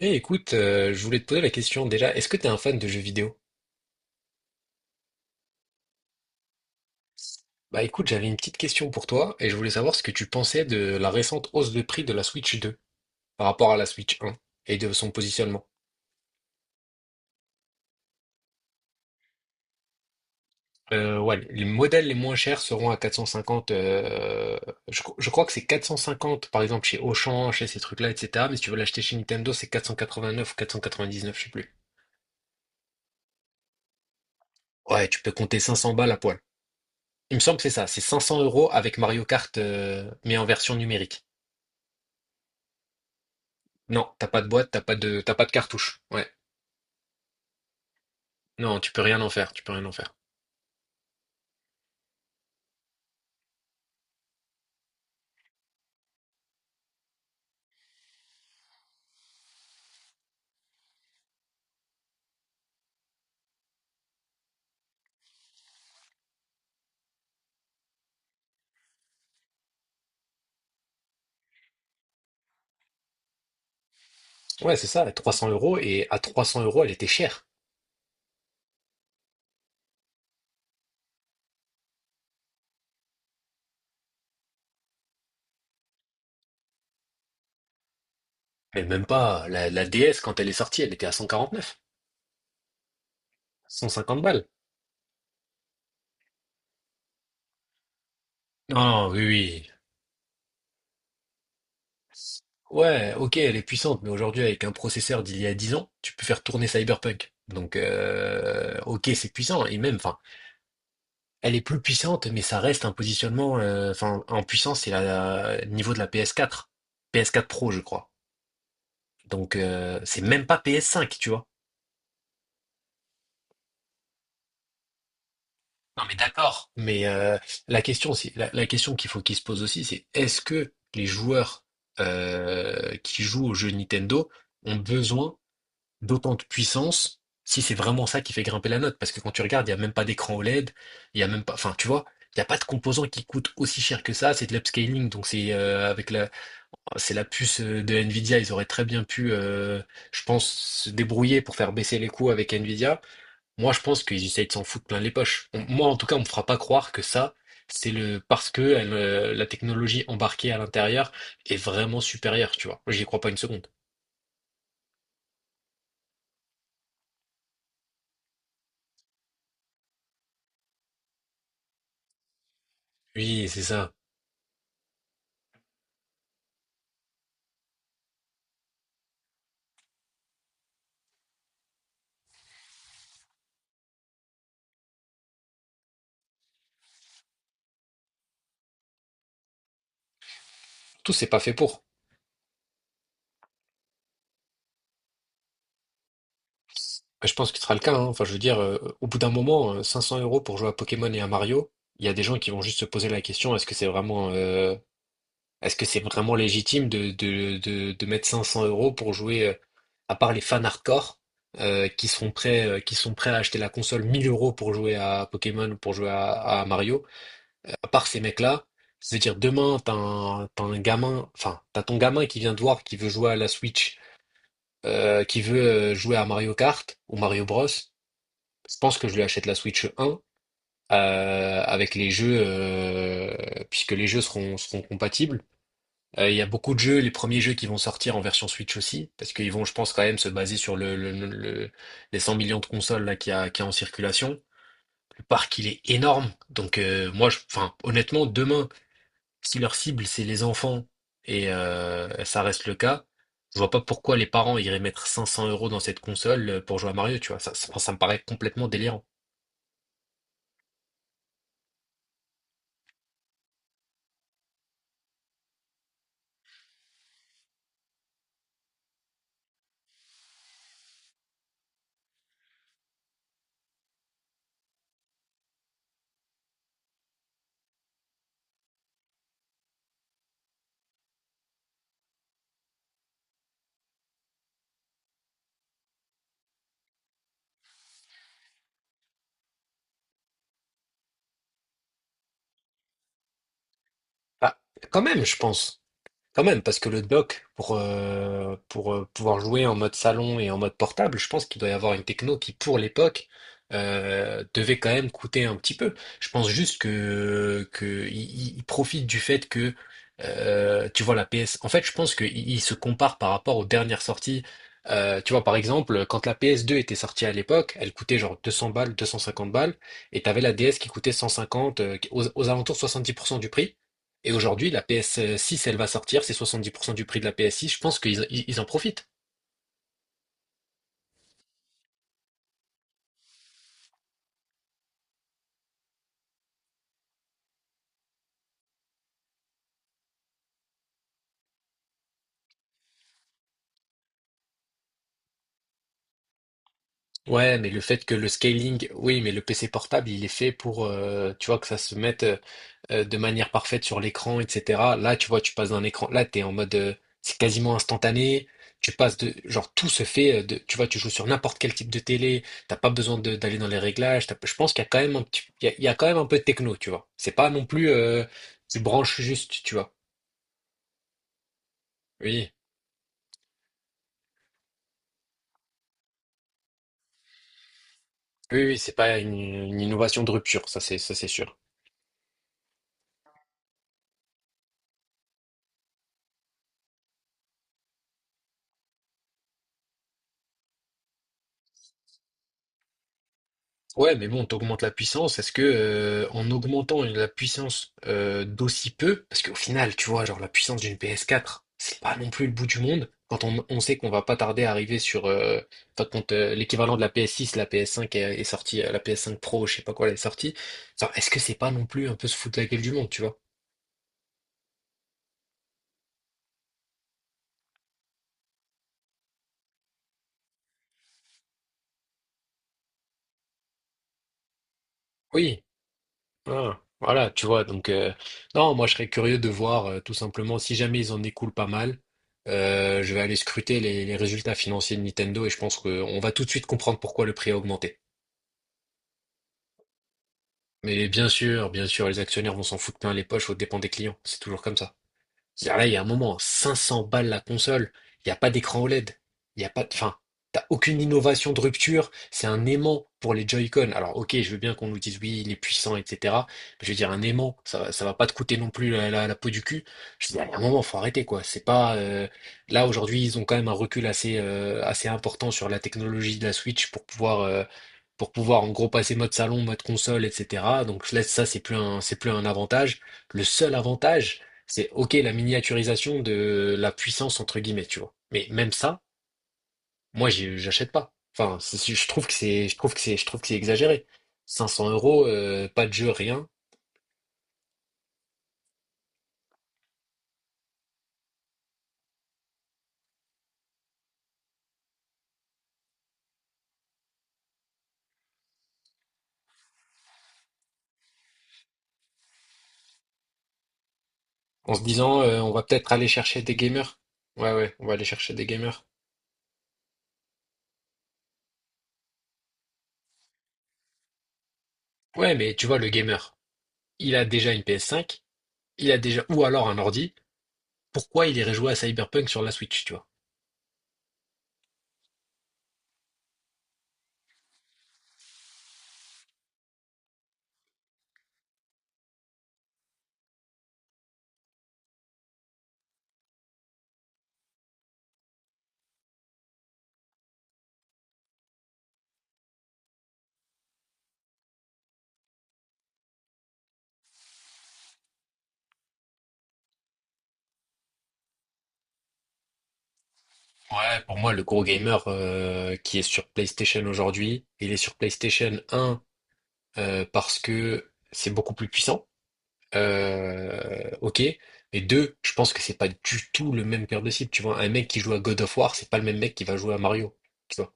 Eh écoute, je voulais te poser la question déjà, est-ce que t'es un fan de jeux vidéo? Bah écoute, j'avais une petite question pour toi et je voulais savoir ce que tu pensais de la récente hausse de prix de la Switch 2 par rapport à la Switch 1 et de son positionnement. Ouais, les modèles les moins chers seront à 450, je crois que c'est 450 par exemple chez Auchan, chez ces trucs-là, etc. Mais si tu veux l'acheter chez Nintendo, c'est 489 ou 499, je sais plus. Ouais, tu peux compter 500 balles à poil. Il me semble que c'est ça, c'est 500 € avec Mario Kart, mais en version numérique. Non, t'as pas de boîte, t'as pas de cartouche. Ouais. Non, tu peux rien en faire, tu peux rien en faire. Ouais, c'est ça, 300 euros, et à 300 euros, elle était chère. Mais même pas, la DS, quand elle est sortie, elle était à 149, 150 balles. Non, oui, oui. Ouais, ok, elle est puissante, mais aujourd'hui, avec un processeur d'il y a 10 ans, tu peux faire tourner Cyberpunk. Donc, ok, c'est puissant, et même, enfin, elle est plus puissante, mais ça reste un positionnement, enfin, en puissance, c'est le niveau de la PS4. PS4 Pro, je crois. Donc, c'est même pas PS5, tu vois. Non mais d'accord, mais la question c'est la question qu'il faut qu'il se pose aussi, c'est est-ce que les joueurs qui jouent aux jeux Nintendo ont besoin d'autant de puissance si c'est vraiment ça qui fait grimper la note? Parce que quand tu regardes, il n'y a même pas d'écran OLED, il n'y a même pas, enfin tu vois, il n'y a pas de composant qui coûte aussi cher que ça, c'est de l'upscaling, donc c'est avec la c'est la puce de Nvidia, ils auraient très bien pu, je pense, se débrouiller pour faire baisser les coûts avec Nvidia. Moi, je pense qu'ils essayent de s'en foutre plein les poches. Moi, en tout cas, on me fera pas croire que ça, c'est le parce que elle, la technologie embarquée à l'intérieur est vraiment supérieure, tu vois. J'y crois pas une seconde. Oui, c'est ça. Tout, c'est pas fait pour. Je pense que ce sera le cas, hein. Enfin, je veux dire, au bout d'un moment, 500 € pour jouer à Pokémon et à Mario, il y a des gens qui vont juste se poser la question, Est-ce que c'est vraiment légitime de mettre 500 € pour jouer, à part les fans hardcore, qui sont prêts à acheter la console 1 000 € pour jouer à Pokémon ou pour jouer à Mario, à part ces mecs-là, je veux dire, demain, t'as ton gamin qui vient te voir, qui veut jouer à la Switch, qui veut jouer à Mario Kart ou Mario Bros. Je pense que je lui achète la Switch 1, avec les jeux, puisque les jeux seront compatibles. Il y a beaucoup de jeux, les premiers jeux qui vont sortir en version Switch aussi, parce qu'ils vont, je pense, quand même se baser sur les 100 millions de consoles là qu'il y a en circulation. Le parc, il est énorme. Donc moi, enfin, honnêtement, demain, si leur cible, c'est les enfants, et ça reste le cas, je vois pas pourquoi les parents iraient mettre 500 € dans cette console pour jouer à Mario, tu vois. Ça me paraît complètement délirant. Bah quand même, je pense. Quand même, parce que le dock, pour pouvoir jouer en mode salon et en mode portable, je pense qu'il doit y avoir une techno qui, pour l'époque, devait quand même coûter un petit peu. Je pense juste que il profite du fait que, tu vois, la PS. En fait, je pense qu'il il se compare par rapport aux dernières sorties. Tu vois, par exemple, quand la PS2 était sortie à l'époque, elle coûtait genre 200 balles, 250 balles, et t'avais la DS qui coûtait 150, aux alentours de 70% du prix. Et aujourd'hui, la PS6, elle va sortir, c'est 70% du prix de la PS6, je pense qu'ils ils ils en profitent. Ouais, mais le fait que le scaling, oui, mais le PC portable, il est fait pour, tu vois, que ça se mette de manière parfaite sur l'écran, etc. Là, tu vois, tu passes d'un écran, là, t'es en mode, c'est quasiment instantané. Tu passes de, genre, tout se fait, de, tu vois, tu joues sur n'importe quel type de télé. T'as pas besoin d'aller dans les réglages. Je pense qu'il y a quand même un petit, il y a quand même un peu de techno, tu vois. C'est pas non plus, tu branches juste, tu vois. Oui. Oui, oui, c'est pas une innovation de rupture, ça c'est sûr. Ouais, mais bon, t'augmentes la puissance. Est-ce que en augmentant la puissance d'aussi peu, parce qu'au final, tu vois, genre la puissance d'une PS4, c'est pas non plus le bout du monde. Quand on sait qu'on va pas tarder à arriver sur, enfin, quand l'équivalent de la PS6, la PS5 est sortie, la PS5 Pro, je sais pas quoi, elle est sortie. Genre, est-ce que c'est pas non plus un peu se foutre la gueule du monde, tu vois? Oui. Ah, voilà, tu vois, donc non, moi je serais curieux de voir tout simplement si jamais ils en écoulent pas mal, je vais aller scruter les résultats financiers de Nintendo et je pense qu'on va tout de suite comprendre pourquoi le prix a augmenté. Mais bien sûr, les actionnaires vont s'en foutre plein les poches aux dépens des clients, c'est toujours comme ça. C'est-à-dire là, il y a un moment, 500 balles la console, il n'y a pas d'écran OLED, il n'y a pas de. Enfin, t'as aucune innovation de rupture, c'est un aimant pour les Joy-Con. Alors ok, je veux bien qu'on nous dise oui, il est puissant, etc. Mais je veux dire, un aimant, ça, ça va pas te coûter non plus la peau du cul. Je veux dire, il y a un moment, faut arrêter, quoi. C'est pas. Là, aujourd'hui, ils ont quand même un recul assez important sur la technologie de la Switch pour pouvoir en gros passer mode salon, mode console, etc. Donc là, ça, c'est plus un avantage. Le seul avantage, c'est OK la miniaturisation de la puissance entre guillemets, tu vois. Mais même ça, moi j'achète pas. Enfin, je trouve je trouve que c'est exagéré. Cinq cents euros, pas de jeu, rien. En se disant, on va peut-être aller chercher des gamers. Ouais, ouais, on va aller chercher des gamers. Ouais, mais tu vois, le gamer, il a déjà une PS5 ou alors un ordi. Pourquoi il irait jouer à Cyberpunk sur la Switch, tu vois? Ouais, pour moi, le gros gamer qui est sur PlayStation aujourd'hui, il est sur PlayStation un parce que c'est beaucoup plus puissant. Ok. Et deux, je pense que c'est pas du tout le même cœur de cible. Tu vois, un mec qui joue à God of War, c'est pas le même mec qui va jouer à Mario. Tu vois.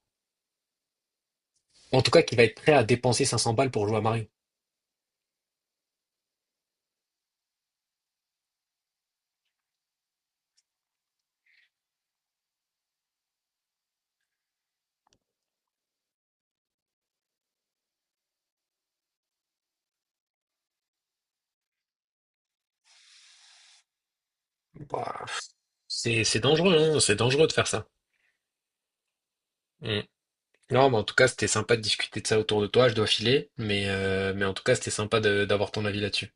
En tout cas, qui va être prêt à dépenser 500 balles pour jouer à Mario. Bah, c'est dangereux, hein. C'est dangereux de faire ça. Mm. Non, mais en tout cas, c'était sympa de discuter de ça autour de toi. Je dois filer, mais en tout cas, c'était sympa d'avoir ton avis là-dessus.